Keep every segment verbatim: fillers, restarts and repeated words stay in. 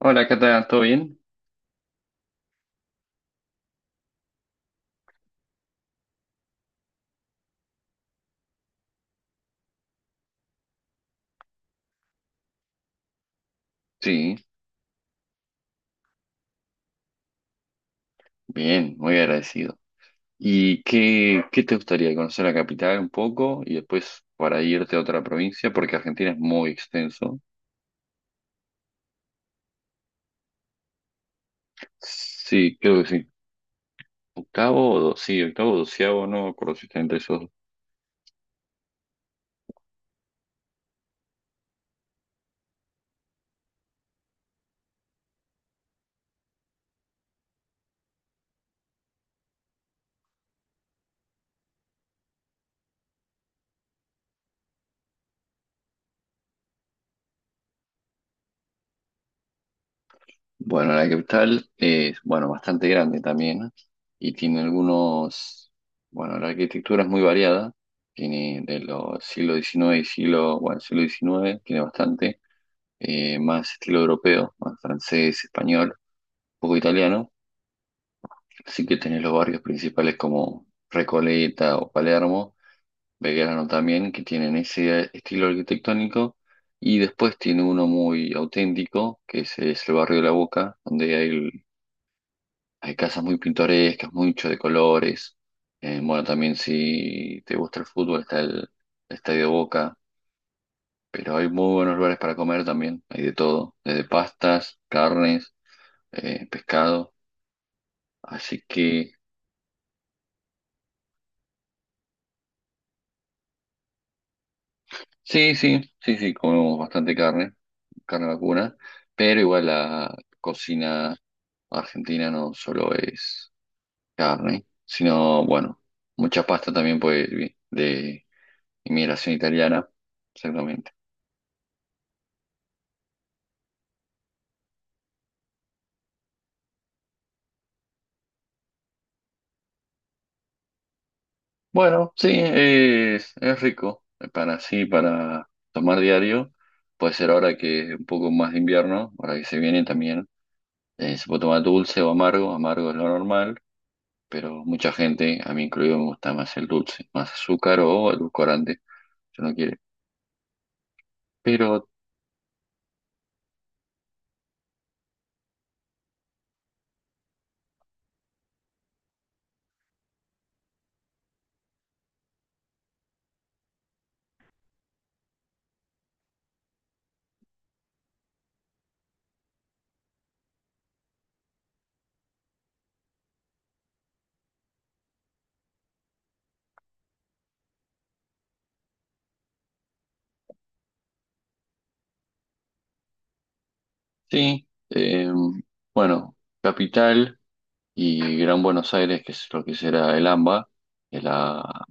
Hola, ¿qué tal? ¿Todo bien? Sí, bien, muy agradecido. ¿Y qué, qué te gustaría conocer la capital un poco y después para irte a otra provincia? Porque Argentina es muy extenso. Sí, creo que sí. Octavo, o do- sí, octavo, o doceavo, no me acuerdo si está entre esos dos. Bueno, la capital es, bueno, bastante grande también y tiene algunos, bueno, la arquitectura es muy variada. Tiene de los siglo diecinueve y siglo, bueno, siglo diecinueve, tiene bastante. Eh, más estilo europeo, más francés, español, un poco italiano. Así que tenés los barrios principales como Recoleta o Palermo, Belgrano también, que tienen ese estilo arquitectónico. Y después tiene uno muy auténtico, que es, es el barrio de La Boca, donde hay, hay casas muy pintorescas, mucho de colores. Eh, bueno, también si te gusta el fútbol, está el Estadio Boca. Pero hay muy buenos lugares para comer también, hay de todo, desde pastas, carnes, eh, pescado. Así que sí, sí, sí, sí, comemos bastante carne, carne vacuna, pero igual la cocina argentina no solo es carne, sino, bueno, mucha pasta también pues vi- de inmigración italiana, exactamente. Bueno, sí, eh, es, es rico eh, para sí, para tomar diario. Puede ser ahora que es un poco más de invierno, ahora que se viene también. Eh, se puede tomar dulce o amargo, amargo es lo normal, pero mucha gente, a mí incluido, me gusta más el dulce, más azúcar o edulcorante, si no quiere. Pero sí, eh, bueno, Capital y Gran Buenos Aires, que es lo que será el A M B A, es la,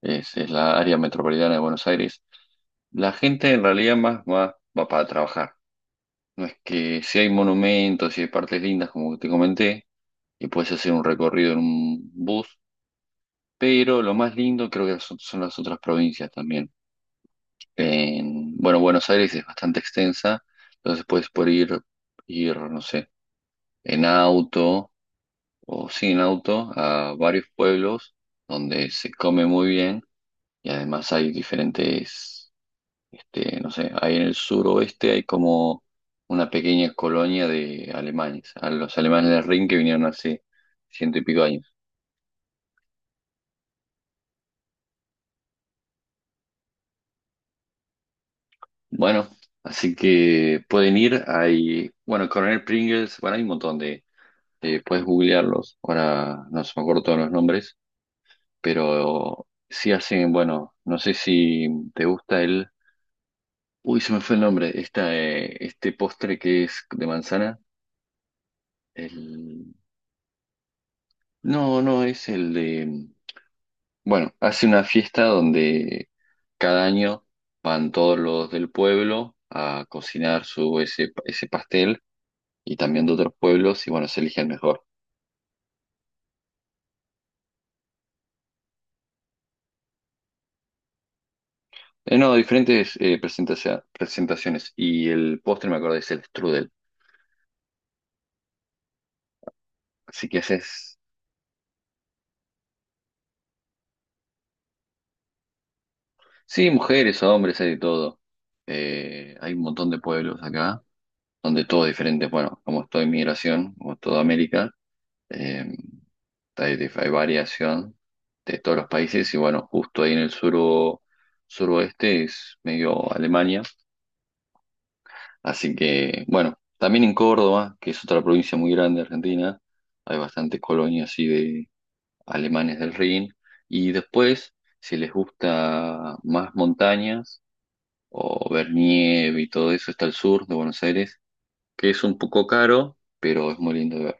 es es la área metropolitana de Buenos Aires. La gente en realidad más va, va para trabajar. No es que si hay monumentos, si hay partes lindas, como te comenté, y puedes hacer un recorrido en un bus, pero lo más lindo creo que son, son las otras provincias también. En, bueno, Buenos Aires es bastante extensa, entonces puedes por ir, ir, no sé, en auto o sin auto a varios pueblos donde se come muy bien y además hay diferentes. Este, no sé, ahí en el suroeste hay como una pequeña colonia de alemanes, a los alemanes del Rin que vinieron hace ciento y pico años. Bueno, así que pueden ir, hay, bueno, Coronel Pringles, bueno, hay un montón de, de- puedes googlearlos, ahora no se me acuerdo todos los nombres, pero sí hacen, bueno, no sé si te gusta el, uy, se me fue el nombre, esta, eh, este postre que es de manzana, el, no, no, es el de... Bueno, hace una fiesta donde cada año van todos los del pueblo a cocinar su, ese, ese pastel y también de otros pueblos y bueno, se elige el mejor. Eh, no, diferentes eh, presentacia- presentaciones y el postre me acordé es el strudel. Así que haces, sí, mujeres, hombres, hay de todo. Eh, hay un montón de pueblos acá donde todo es diferente. Bueno, como es toda inmigración, como es toda América. eh, Hay, hay variación de todos los países y bueno, justo ahí en el sur, suroeste es medio Alemania, así que bueno, también en Córdoba, que es otra provincia muy grande de Argentina, hay bastantes colonias así de alemanes del Rin y después, si les gusta más montañas o ver nieve y todo eso, está el sur de Buenos Aires, que es un poco caro, pero es muy lindo de ver.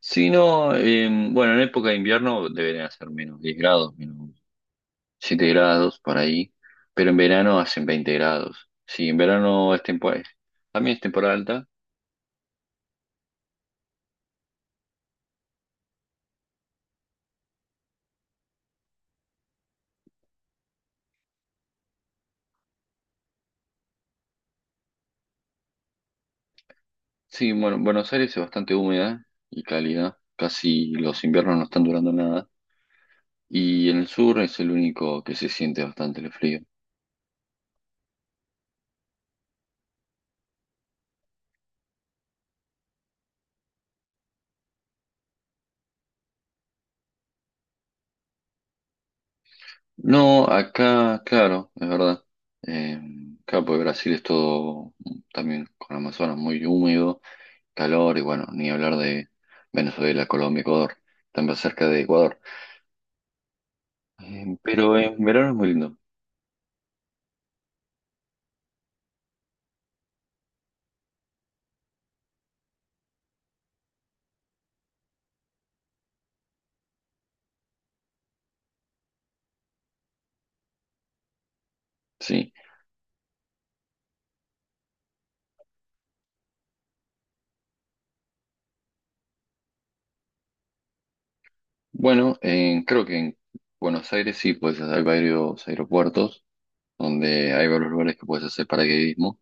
Si no, em, bueno, en época de invierno deberían hacer menos diez grados, menos siete grados por ahí, pero en verano hacen veinte grados. Sí, en verano es temporada, también es temporada alta. Sí, bueno, Buenos Aires es bastante húmeda y cálida, casi los inviernos no están durando nada. Y en el sur es el único que se siente bastante el frío. No, acá, claro, es verdad. Eh, claro, porque Brasil es todo también con Amazonas muy húmedo, calor y bueno, ni hablar de Venezuela, Colombia, Ecuador, también cerca de Ecuador. Eh, Pero en verano es muy lindo. Sí, bueno, en- creo que en Buenos Aires sí, pues hay varios aeropuertos donde hay varios lugares que puedes hacer paracaidismo.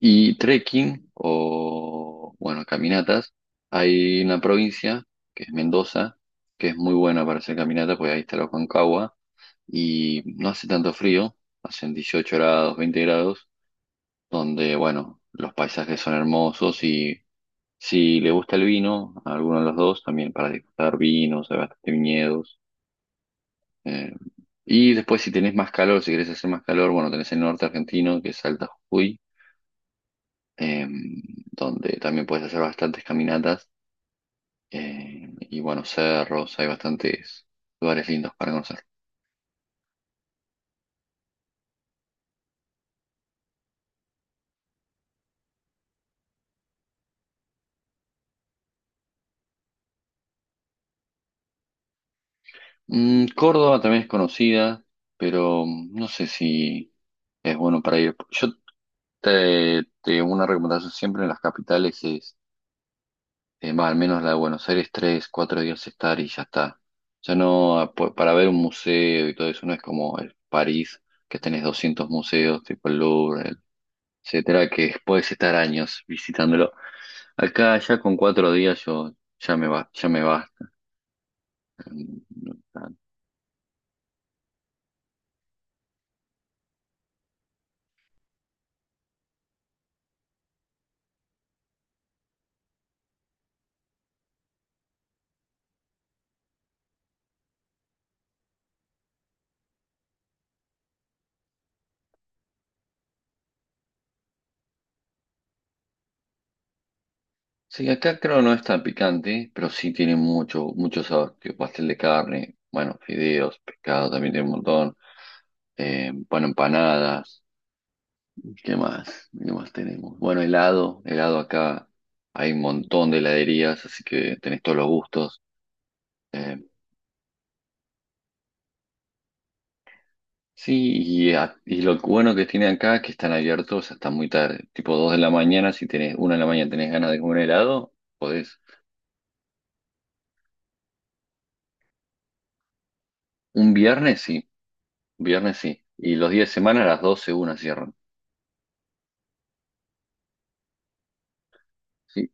Y trekking o, bueno, caminatas. Hay una provincia que es Mendoza, que es muy buena para hacer caminata, porque ahí está la Concagua y no hace tanto frío, hacen dieciocho grados, veinte grados, donde, bueno, los paisajes son hermosos. Si le gusta el vino, a alguno de los dos, también para disfrutar vinos, hay bastante viñedos. eh, y después si tenés más calor, si querés hacer más calor, bueno, tenés el norte argentino, que es Salta Jujuy, eh, donde también puedes hacer bastantes caminatas. Eh, y bueno, cerros, hay bastantes lugares lindos para conocer. Mm, Córdoba también es conocida, pero mm, no sé si es bueno para ir. Yo te, te- una recomendación siempre en las capitales es. Eh, va, al menos la de Buenos Aires, tres, cuatro días estar y ya está. Ya no, ah, pu- para ver un museo y todo eso, no es como el París, que tenés doscientos museos, tipo el Louvre, el- etcétera, que puedes estar años visitándolo. Acá ya con cuatro días yo ya me va, ya me basta. No no, no. Sí, acá creo no es tan picante, pero sí tiene mucho, mucho sabor, tipo pastel de carne, bueno, fideos, pescado también tiene un montón, eh, bueno, empanadas. ¿Qué más? ¿Qué más tenemos? Bueno, helado, helado acá. Hay un montón de heladerías, así que tenés todos los gustos. Eh, sí, y, a- y lo bueno que tiene acá es que están abiertos hasta muy tarde, tipo dos de la mañana. Si tenés una de la mañana tenés ganas de comer helado, podés. Un viernes sí, viernes sí. Y los días de semana a las doce una cierran. Sí,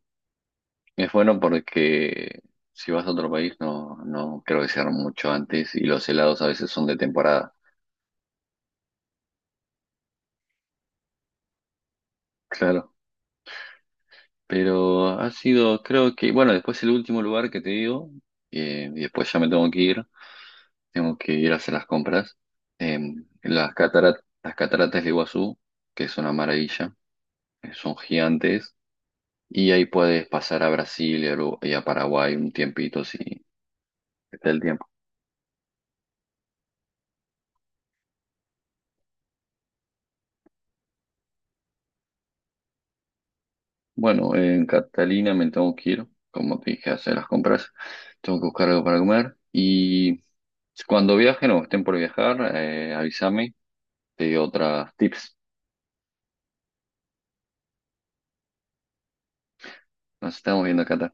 es bueno porque si vas a otro país no, no creo que cierran mucho antes y los helados a veces son de temporada. Claro. Pero ha sido, creo que, bueno, después el último lugar que te digo, eh, y después ya me tengo que ir, tengo que ir a hacer las compras. eh, las cataratas, las cataratas de Iguazú, que es una maravilla, eh, son gigantes, y ahí puedes pasar a Brasil y a, Uru- y a Paraguay un tiempito si está el tiempo. Bueno, en Catalina me tengo que ir, como te dije, a hacer las compras, tengo que buscar algo para comer, y cuando viajen o estén por viajar, eh, avísame, te doy otras tips. Nos estamos viendo, Cata.